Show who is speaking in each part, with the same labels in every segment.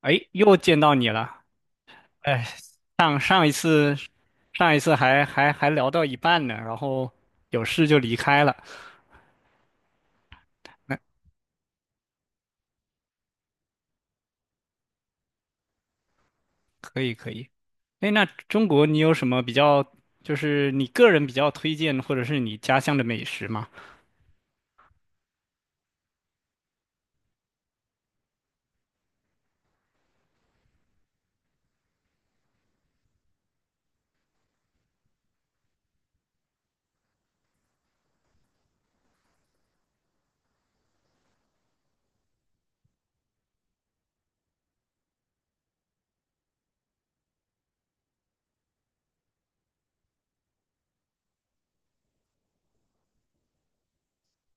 Speaker 1: 哎，又见到你了。哎，上上一次，上一次还还还聊到一半呢，然后有事就离开了。那可以可以。哎，那中国你有什么比较，就是你个人比较推荐或者是你家乡的美食吗？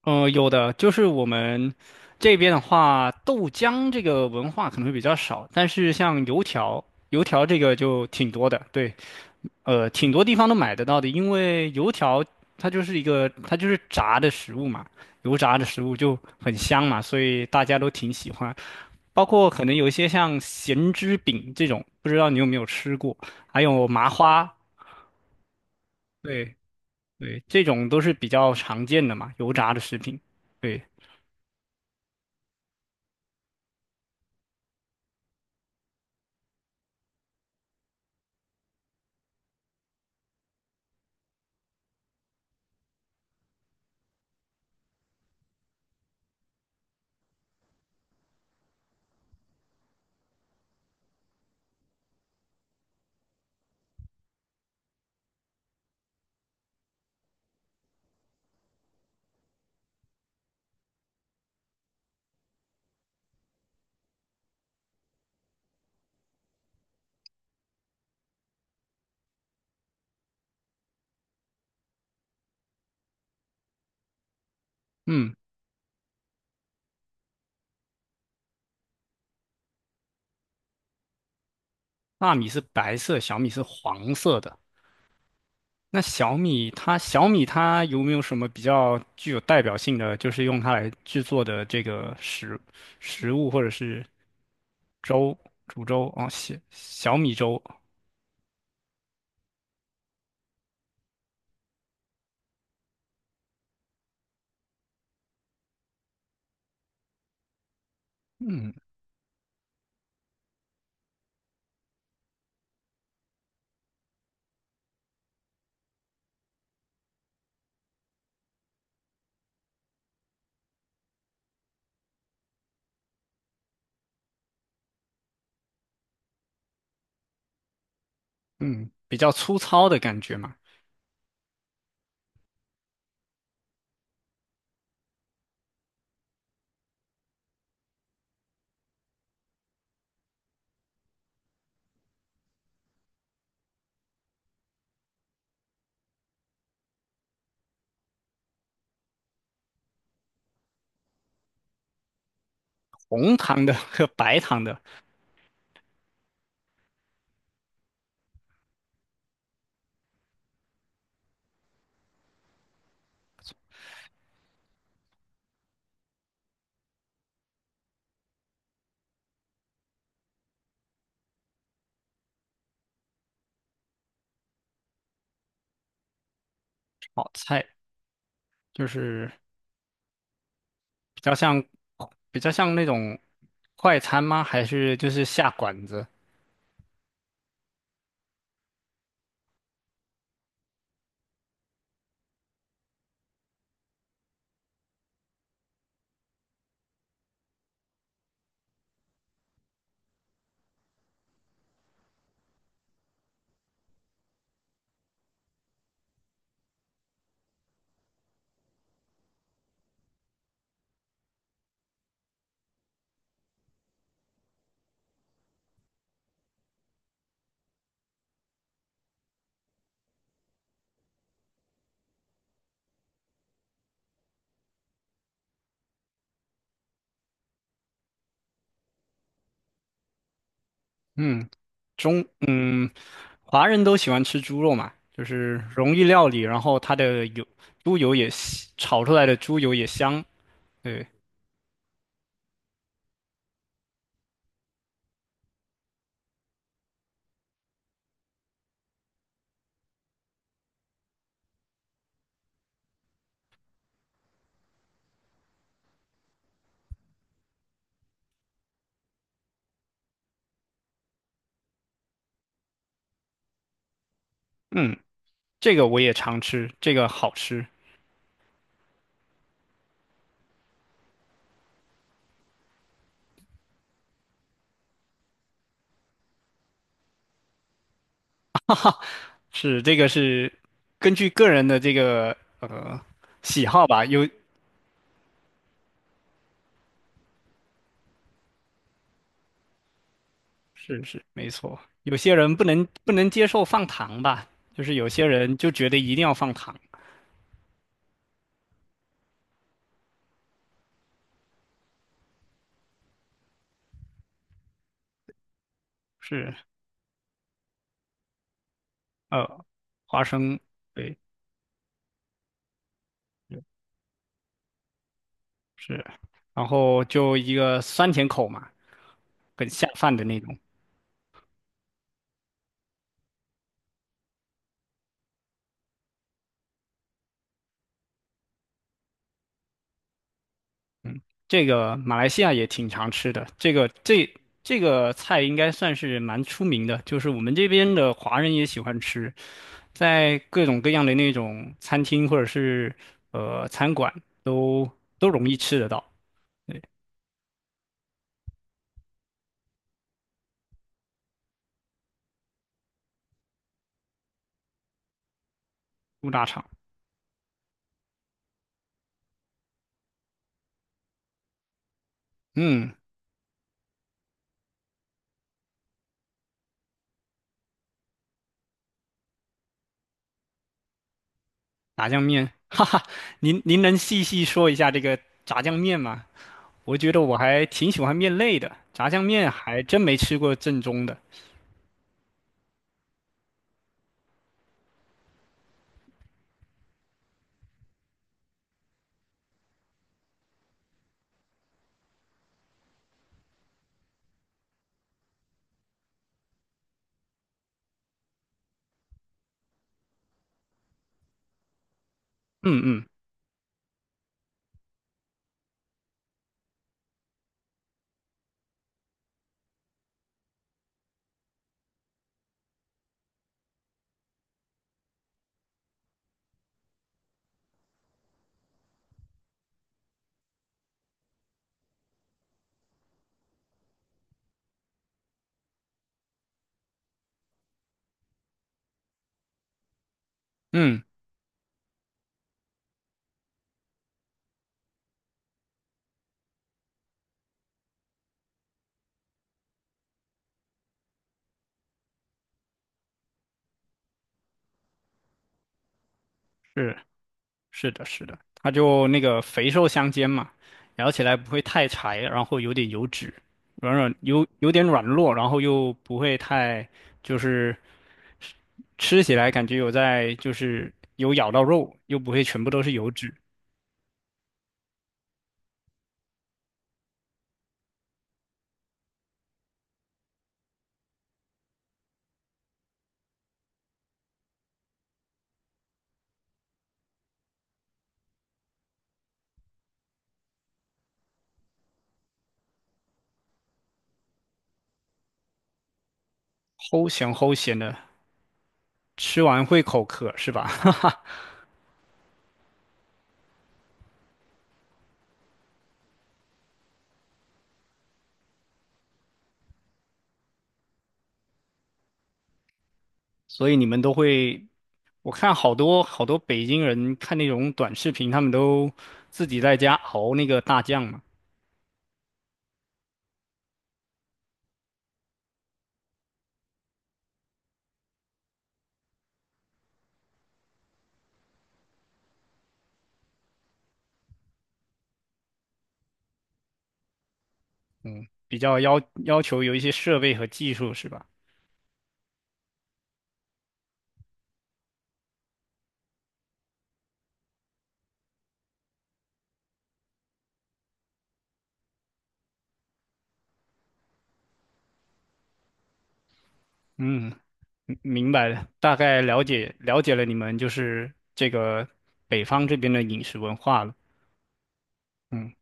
Speaker 1: 有的，就是我们这边的话，豆浆这个文化可能会比较少，但是像油条，这个就挺多的。对。挺多地方都买得到的，因为油条它就是炸的食物嘛，油炸的食物就很香嘛，所以大家都挺喜欢。包括可能有一些像咸汁饼这种，不知道你有没有吃过，还有麻花，对对，这种都是比较常见的嘛，油炸的食品。对，嗯，大米是白色，小米是黄色的。那小米它有没有什么比较具有代表性的，就是用它来制作的这个食物或者是粥，煮粥哦，小米粥，嗯嗯，比较粗糙的感觉嘛，红糖的和白糖的炒菜，就是比较像比较像那种快餐吗？还是就是下馆子？嗯，中嗯，华人都喜欢吃猪肉嘛，就是容易料理，然后它的油，猪油也香，炒出来的猪油也香。对，嗯，这个我也常吃，这个好吃，是这个是根据个人的这个喜好吧，有是是没错，有些人不能接受放糖吧，就是有些人就觉得一定要放糖，是呃花生。对。是，然后就一个酸甜口嘛，很下饭的那种。这个马来西亚也挺常吃的，这个菜应该算是蛮出名的，就是我们这边的华人也喜欢吃，在各种各样的那种餐厅或者是餐馆都都容易吃得到。对，猪大肠，嗯，炸酱面，哈哈，您能细细说一下这个炸酱面吗？我觉得我还挺喜欢面类的，炸酱面还真没吃过正宗的。嗯嗯嗯，是是的，是的，它就那个肥瘦相间嘛，咬起来不会太柴，然后有点油脂，软软有点软糯，然后又不会太，就是吃起来感觉有在就是有咬到肉，又不会全部都是油脂，齁咸齁咸的，吃完会口渴是吧？哈哈，所以你们都会，我看好多北京人看那种短视频，他们都自己在家熬那个大酱嘛。嗯，比较要求有一些设备和技术是吧？嗯，明白了，大概了解了你们就是这个北方这边的饮食文化了。嗯，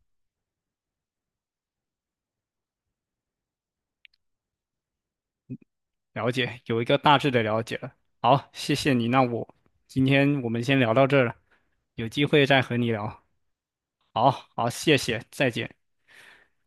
Speaker 1: 了解，有一个大致的了解了。好，谢谢你，今天我们先聊到这儿了，有机会再和你聊。好好，谢谢，再见。